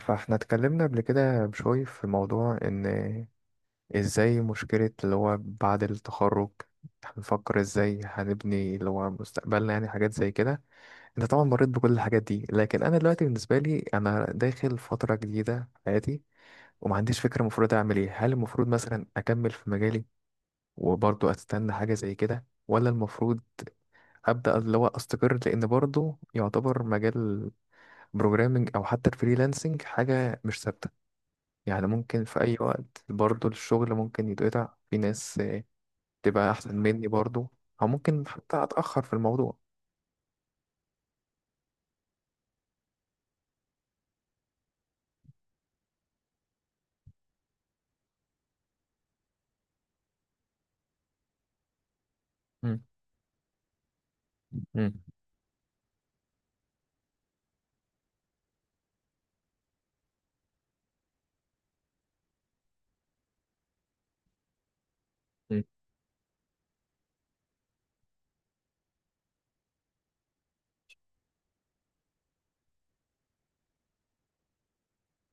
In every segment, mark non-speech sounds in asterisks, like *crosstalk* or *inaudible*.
فاحنا اتكلمنا قبل كده بشوي في موضوع ان ازاي مشكلة اللي هو بعد التخرج هنفكر ازاي هنبني اللي هو مستقبلنا، يعني حاجات زي كده. انت طبعا مريت بكل الحاجات دي، لكن انا دلوقتي بالنسبة لي انا داخل فترة جديدة في حياتي، وما عنديش فكرة المفروض اعمل ايه. هل المفروض مثلا اكمل في مجالي وبرضه استنى حاجة زي كده، ولا المفروض ابدا اللي هو استقر، لان برضه يعتبر مجال البروجرامينج او حتى الفريلانسنج حاجة مش ثابتة. يعني ممكن في أي وقت برضو الشغل ممكن يتقطع، في ناس تبقى أحسن مني برضو، أو ممكن حتى أتأخر في الموضوع. مم. مم. مم.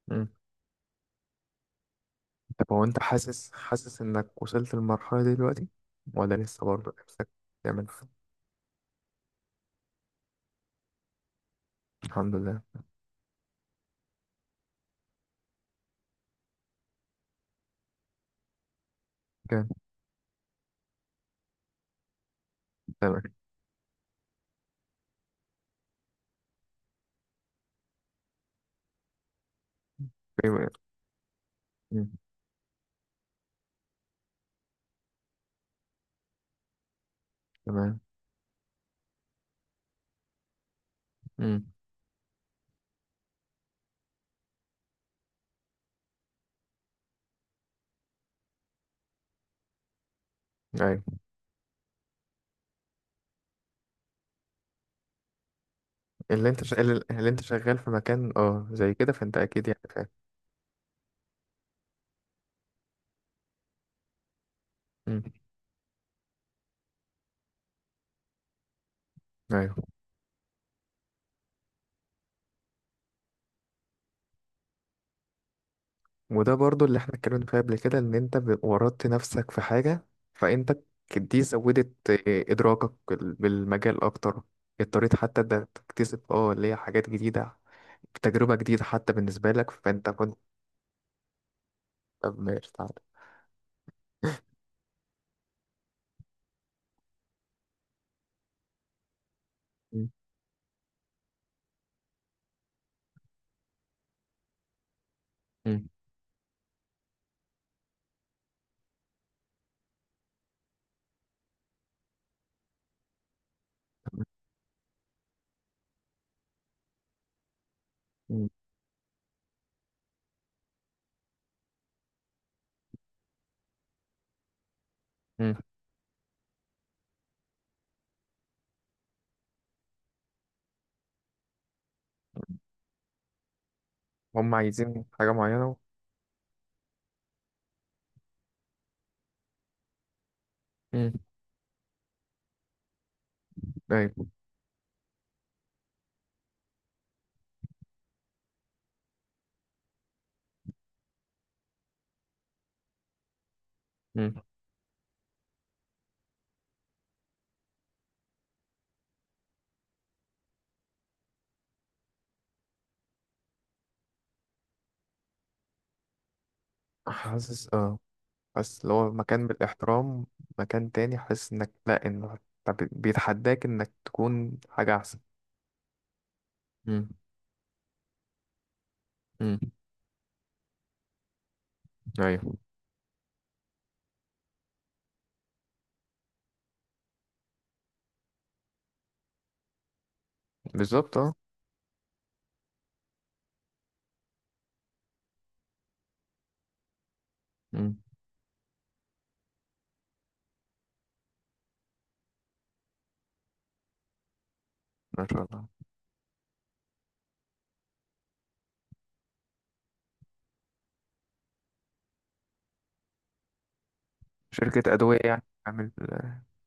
مم. طب هو أنت حاسس، إنك وصلت للمرحلة دي دلوقتي، ولا لسه برضو نفسك تعمل كده؟ الحمد لله. كان تمام. في- مم. تمام. مم. أيوة. اللي أنت شغال في مكان زي كده، فأنت أكيد يعني فاهم. مم. أيوة. وده برضو اللي احنا اتكلمنا فيه قبل كده، ان انت ورطت نفسك في حاجة، فانت دي زودت ادراكك بالمجال اكتر. اضطريت حتى ده تكتسب اللي هي حاجات جديدة، تجربة جديدة حتى بالنسبة لك، فانت كنت. طب ماشي، تعالى. مم، مم، مم، مم. هم عايزين حاجة معينة. مم، ايوه. مم. حاسس، اه، بس اللي هو مكان بالاحترام، مكان تاني حاسس انك لا، انه طب بيتحداك انك تكون حاجة احسن. مم، مم. ايوه. بالظبط، اه. مم. ما شاء الله. شركة أدوية يعني عامل؟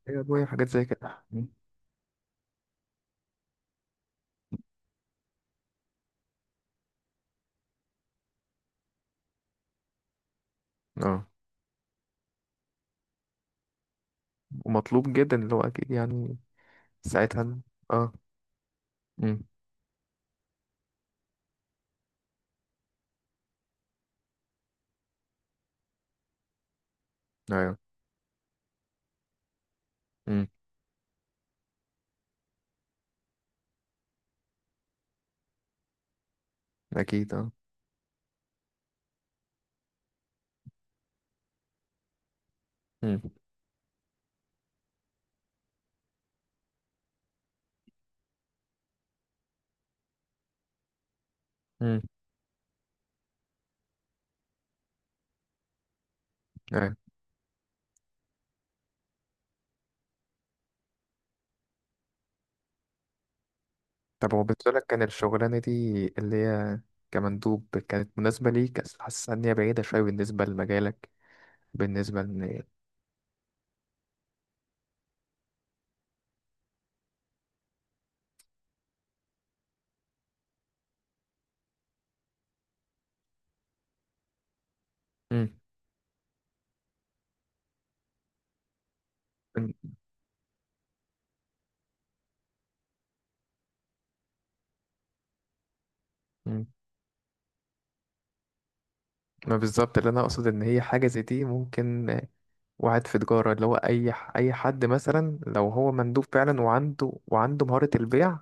هي أدوية وحاجات زي كده. مم. اه، ومطلوب جدا اللي هو، أكيد يعني. ساعتها ال- اه. مم. ايوه. مم. أكيد، اه. مم. مم. ايوه. طب هو بالنسبة لك كان الشغلانة دي اللي هي كمندوب كانت مناسبة ليك؟ أصل حاسس إن هي بعيدة شوية بالنسبة لمجالك، بالنسبة إن. مم. مم. ما بالظبط اللي أنا أقصد، إن هي حاجة زي دي ممكن واحد في تجارة، اللي هو أي، أي حد مثلا لو هو مندوب فعلا، وعنده مهارة البيع.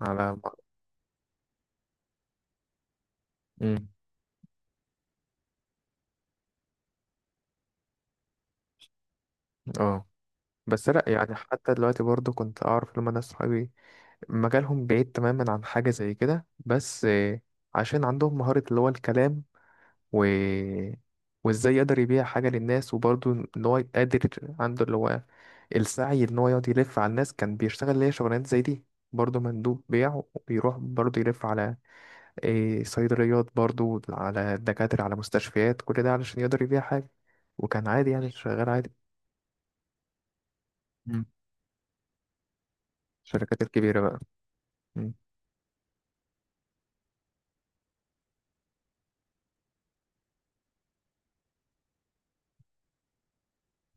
على. امم اه، بس لأ يعني، حتى دلوقتي برضو كنت أعرف لما ناس صحابي مجالهم بعيد تماما عن حاجة زي كده، بس عشان عندهم مهارة اللي هو الكلام، و وازاي يقدر يبيع حاجة للناس، وبرضو ان هو قادر، عنده اللي هو السعي ان هو يقعد يلف على الناس، كان بيشتغل ليه شغلانات زي دي. برضو مندوب بيع، وبيروح برضو يلف على صيدليات، برضو على دكاترة، على مستشفيات، كل ده علشان يقدر يبيع حاجة، وكان عادي، يعني شغال عادي. مم. الشركات الكبيرة بقى. مم.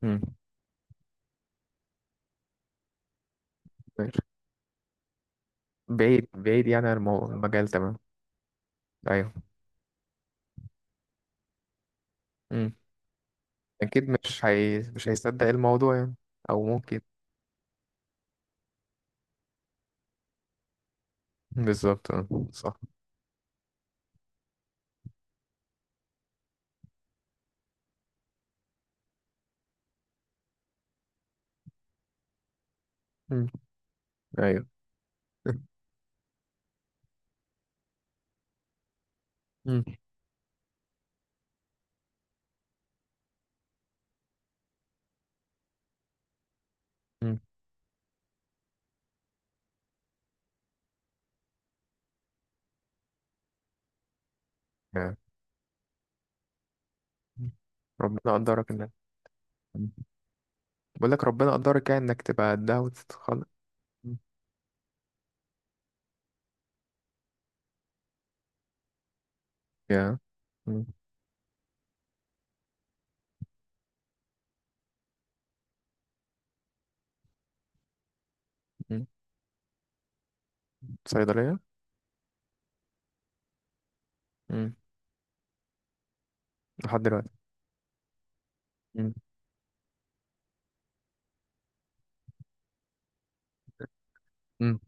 مم. ماشي. بعيد، بعيد يعني، عن المجال، تمام. أيوه. مم. أكيد مش هيصدق الموضوع يعني، أو ممكن. بالظبط، آه. صح. مم. أيوه. مم. *laughs* مم. آه. ربنا قدرك إنك. مم. بقول لك ربنا قدرك يعني، إنك تبقى قدها وتتخلق. يا مم. مم. صيدلية. لحد دلوقتي. مم. امم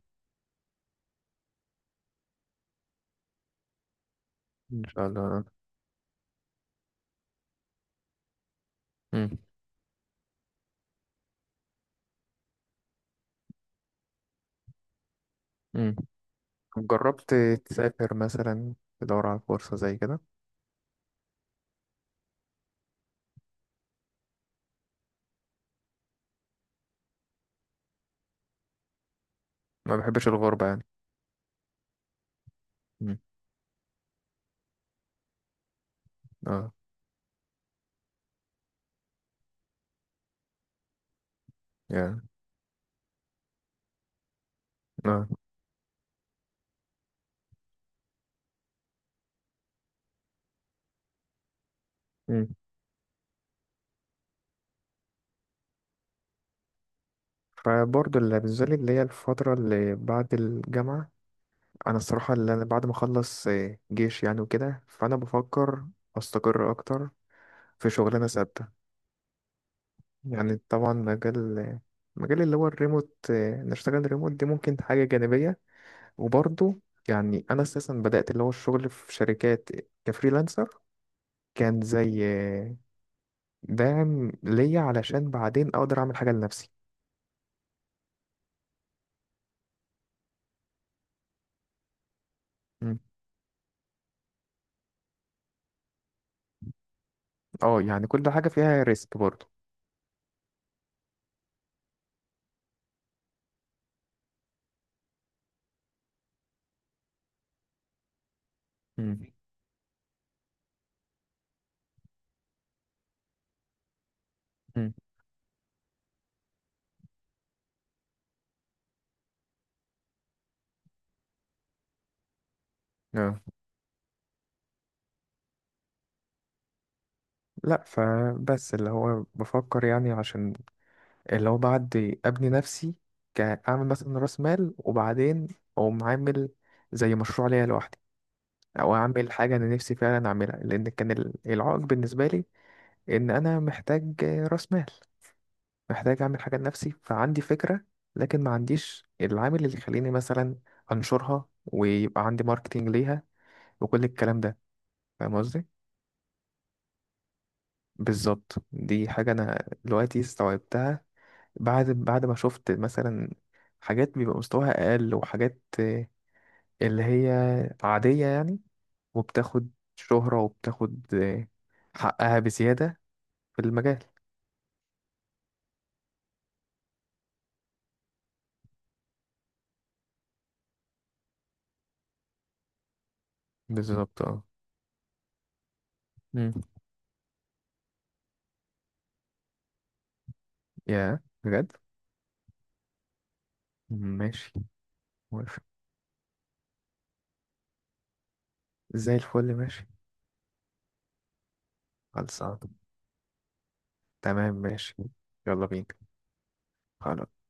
ان شاء الله. مم. مم. طب جربت تسافر مثلا، تدور على فرصة زي كده؟ ما بحبش الغربة يعني. مم. اه، يعني. اه. مم. فبرضه اللي بالذات اللي هي الفترة اللي بعد الجامعة، أنا الصراحة اللي أنا بعد ما أخلص جيش يعني وكده، فأنا بفكر أستقر أكتر في شغلانة ثابتة. يعني طبعا مجال، اللي هو الريموت، نشتغل ريموت دي ممكن حاجة جانبية، وبرضه يعني أنا أساسا بدأت اللي هو الشغل في شركات كفريلانسر، كان زي دعم ليا علشان بعدين أقدر أعمل حاجة لنفسي. مم. اه، يعني كل حاجة فيها ريسك برضه. مم. مم. آه. لا، فبس اللي هو بفكر يعني، عشان اللي هو بعد أبني نفسي، كأعمل مثلا رأس مال، وبعدين أقوم عامل زي مشروع ليا لوحدي، أو أعمل حاجة أنا نفسي فعلا أعملها، لأن كان العائق بالنسبة لي ان انا محتاج راس مال، محتاج اعمل حاجه لنفسي، فعندي فكره، لكن ما عنديش العامل اللي يخليني مثلا انشرها ويبقى عندي ماركتينج ليها وكل الكلام ده، فاهم قصدي؟ بالظبط، دي حاجه انا دلوقتي استوعبتها، بعد ما شفت مثلا حاجات بيبقى مستواها اقل، وحاجات اللي هي عاديه يعني، وبتاخد شهره، وبتاخد حقها بزياده في المجال. بالظبط، اه. مم. يا بجد؟ ماشي، موافق. زي الفل، ماشي. خلصان. تمام، ماشي. يلا بينا. خلاص.